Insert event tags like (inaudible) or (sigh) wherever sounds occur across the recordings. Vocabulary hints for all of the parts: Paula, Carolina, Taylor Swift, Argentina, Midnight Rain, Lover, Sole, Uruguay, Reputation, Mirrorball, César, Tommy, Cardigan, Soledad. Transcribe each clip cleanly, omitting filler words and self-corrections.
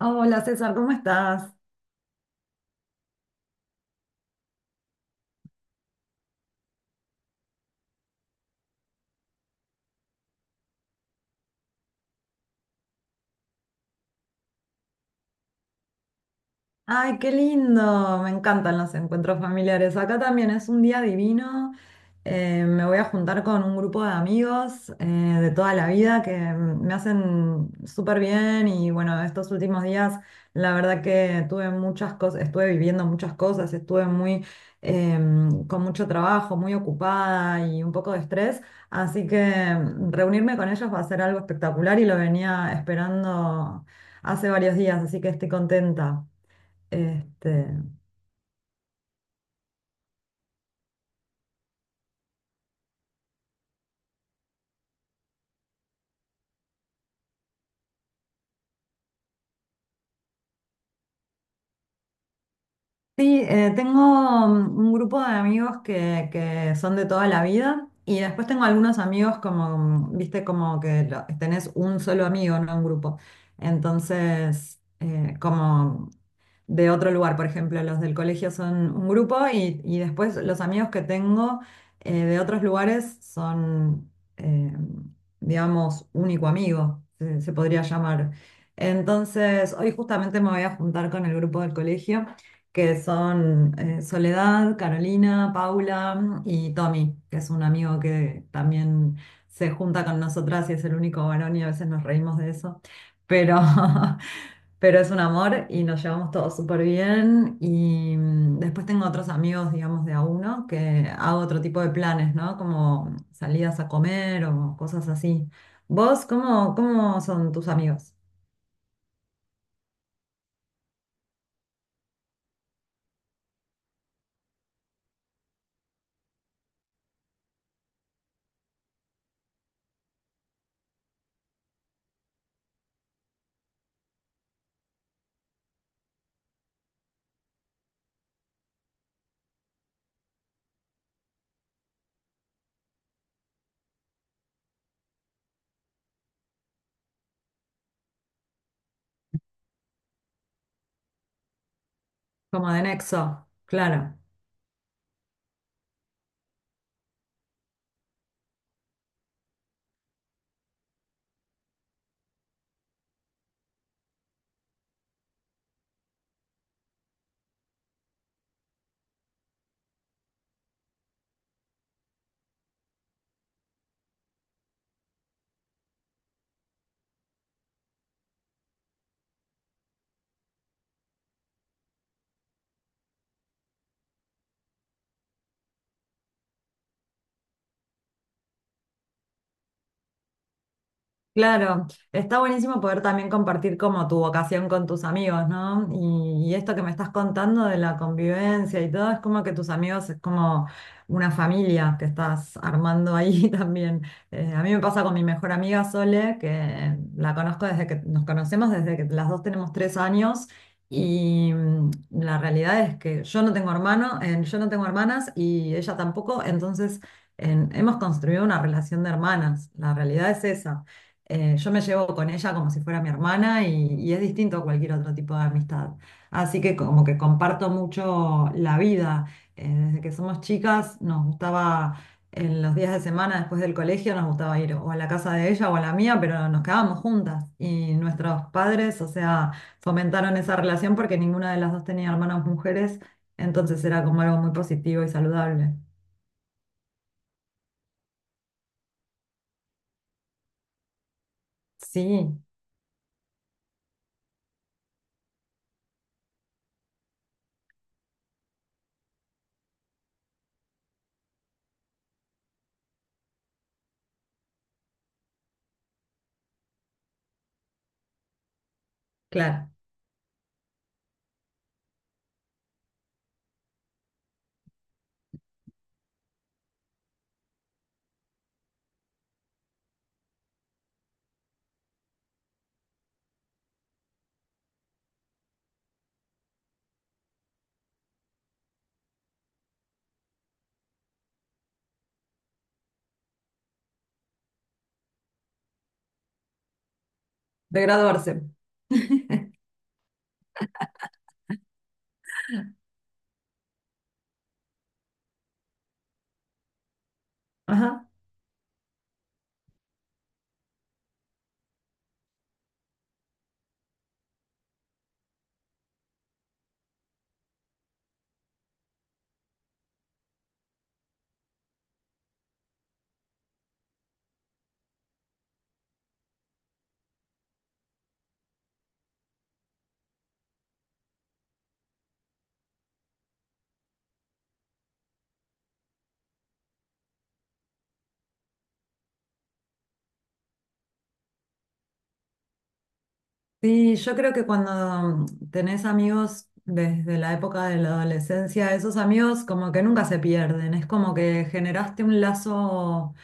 Ah, hola César, ¿cómo estás? Ay, qué lindo, me encantan los encuentros familiares. Acá también es un día divino. Me voy a juntar con un grupo de amigos de toda la vida que me hacen súper bien y bueno, estos últimos días la verdad que tuve muchas cosas, estuve viviendo muchas cosas, estuve muy con mucho trabajo, muy ocupada y un poco de estrés, así que reunirme con ellos va a ser algo espectacular y lo venía esperando hace varios días, así que estoy contenta. Este, sí, tengo un grupo de amigos que son de toda la vida y después tengo algunos amigos como, viste, como que tenés un solo amigo, no un grupo. Entonces, como de otro lugar. Por ejemplo, los del colegio son un grupo y después los amigos que tengo de otros lugares son, eh, digamos, único amigo, se podría llamar. Entonces, hoy justamente me voy a juntar con el grupo del colegio, que son Soledad, Carolina, Paula y Tommy, que es un amigo que también se junta con nosotras y es el único varón y a veces nos reímos de eso. Pero (laughs) pero es un amor y nos llevamos todos súper bien. Y después tengo otros amigos, digamos, de a uno, que hago otro tipo de planes, ¿no? Como salidas a comer o cosas así. ¿Vos cómo, cómo son tus amigos? Como de nexo, claro. Claro, está buenísimo poder también compartir como tu vocación con tus amigos, ¿no? Y esto que me estás contando de la convivencia y todo, es como que tus amigos es como una familia que estás armando ahí (laughs) también. A mí me pasa con mi mejor amiga Sole, que la conozco desde que nos conocemos, desde que las dos tenemos 3 años. Y la realidad es que yo no tengo hermano, yo no tengo hermanas y ella tampoco, entonces hemos construido una relación de hermanas. La realidad es esa. Yo me llevo con ella como si fuera mi hermana y es distinto a cualquier otro tipo de amistad. Así que como que comparto mucho la vida. Desde que somos chicas nos gustaba, en los días de semana después del colegio nos gustaba ir o a la casa de ella o a la mía, pero nos quedábamos juntas. Y nuestros padres, o sea, fomentaron esa relación porque ninguna de las dos tenía hermanas mujeres, entonces era como algo muy positivo y saludable. Sí, claro, de graduarse. (laughs) Ajá. Sí, yo creo que cuando tenés amigos desde la época de la adolescencia, esos amigos como que nunca se pierden, es como que generaste un lazo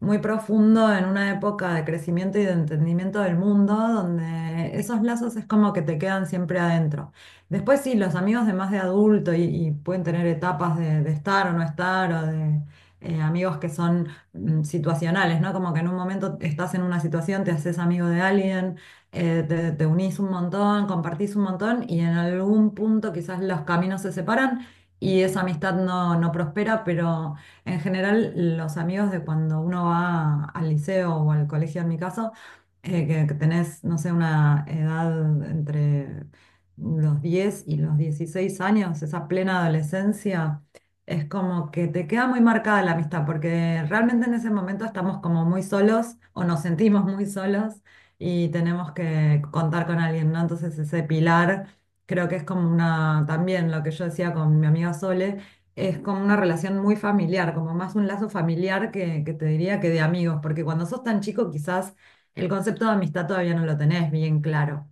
muy profundo en una época de crecimiento y de entendimiento del mundo, donde esos lazos es como que te quedan siempre adentro. Después sí, los amigos de más de adulto y pueden tener etapas de estar o no estar amigos que son situacionales, ¿no? Como que en un momento estás en una situación, te haces amigo de alguien, te unís un montón, compartís un montón y en algún punto quizás los caminos se separan y esa amistad no, no prospera, pero en general, los amigos de cuando uno va al liceo o al colegio, en mi caso, que tenés, no sé, una edad entre los 10 y los 16 años, esa plena adolescencia, es como que te queda muy marcada la amistad, porque realmente en ese momento estamos como muy solos o nos sentimos muy solos y tenemos que contar con alguien, ¿no? Entonces ese pilar creo que es como una, también lo que yo decía con mi amiga Sole es como una relación muy familiar, como más un lazo familiar que te diría que de amigos, porque cuando sos tan chico quizás el concepto de amistad todavía no lo tenés bien claro.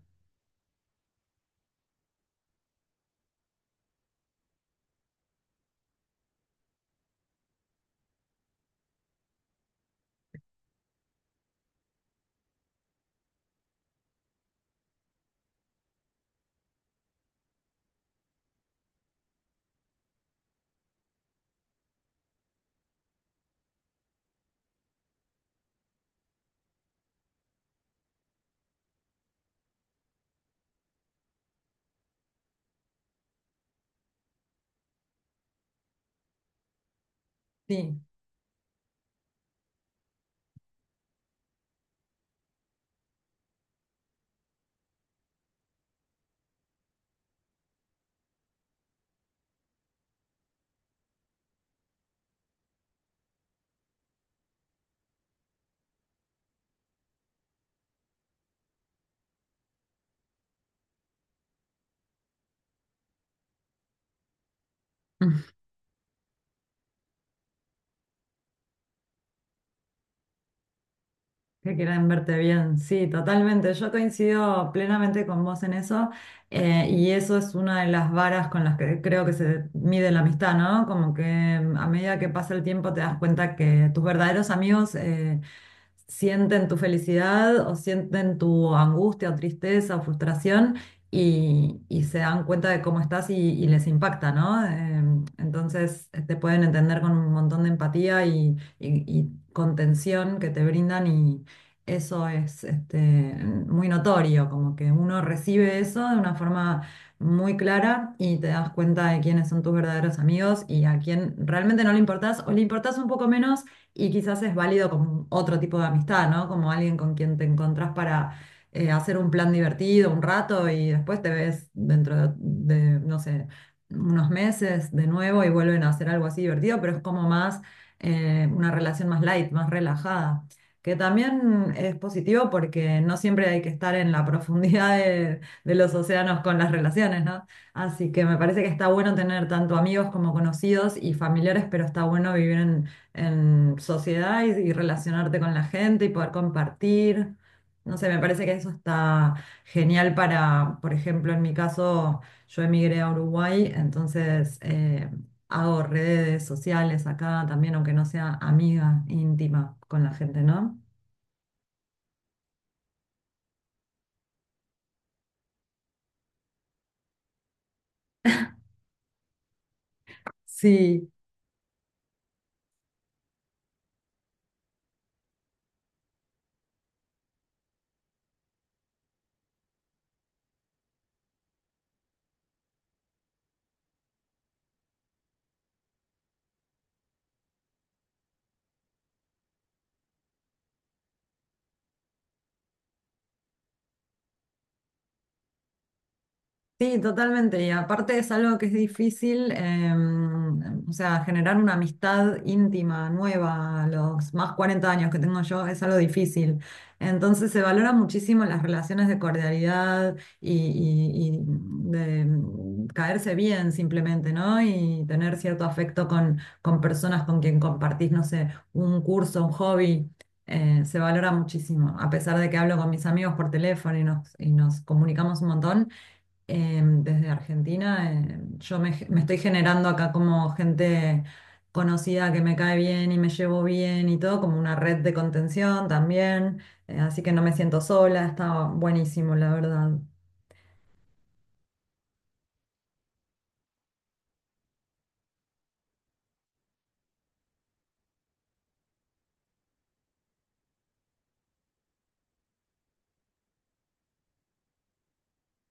Sí, (laughs) que quieran verte bien, sí, totalmente. Yo coincido plenamente con vos en eso y eso es una de las varas con las que creo que se mide la amistad, ¿no? Como que a medida que pasa el tiempo te das cuenta que tus verdaderos amigos, sienten tu felicidad o sienten tu angustia o tristeza o frustración y se dan cuenta de cómo estás y les impacta, ¿no? Entonces te pueden entender con un montón de empatía y contención que te brindan y eso es muy notorio, como que uno recibe eso de una forma muy clara y te das cuenta de quiénes son tus verdaderos amigos y a quién realmente no le importás o le importás un poco menos y quizás es válido como otro tipo de amistad, ¿no? Como alguien con quien te encontrás para hacer un plan divertido un rato y después te ves dentro de, no sé, unos meses de nuevo y vuelven a hacer algo así divertido, pero es como más una relación más light, más relajada. Que también es positivo porque no siempre hay que estar en la (laughs) profundidad de los océanos con las relaciones, ¿no? Así que me parece que está bueno tener tanto amigos como conocidos y familiares, pero está bueno vivir en sociedad y relacionarte con la gente y poder compartir. No sé, me parece que eso está genial para, por ejemplo, en mi caso, yo emigré a Uruguay, entonces hago redes sociales acá también, aunque no sea amiga íntima con la gente, ¿no? Sí. Sí, totalmente. Y aparte es algo que es difícil, o sea, generar una amistad íntima, nueva, a los más 40 años que tengo yo, es algo difícil. Entonces se valora muchísimo las relaciones de cordialidad y de caerse bien simplemente, ¿no? Y tener cierto afecto con personas con quien compartís, no sé, un curso, un hobby. Se valora muchísimo, a pesar de que hablo con mis amigos por teléfono y nos comunicamos un montón desde Argentina, yo me estoy generando acá como gente conocida que me cae bien y me llevo bien y todo, como una red de contención también, así que no me siento sola, está buenísimo, la verdad.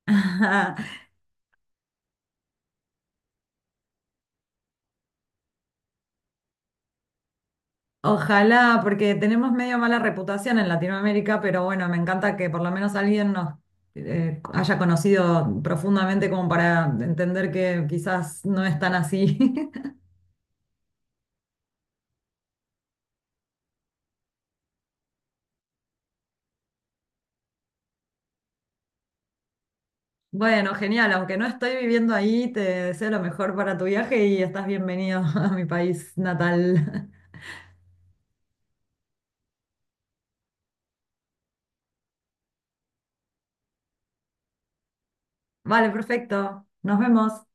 (laughs) Ojalá, porque tenemos medio mala reputación en Latinoamérica, pero bueno, me encanta que por lo menos alguien nos haya conocido profundamente como para entender que quizás no es tan así. (laughs) Bueno, genial, aunque no estoy viviendo ahí, te deseo lo mejor para tu viaje y estás bienvenido (laughs) a mi país natal. (laughs) Vale, perfecto. Nos vemos.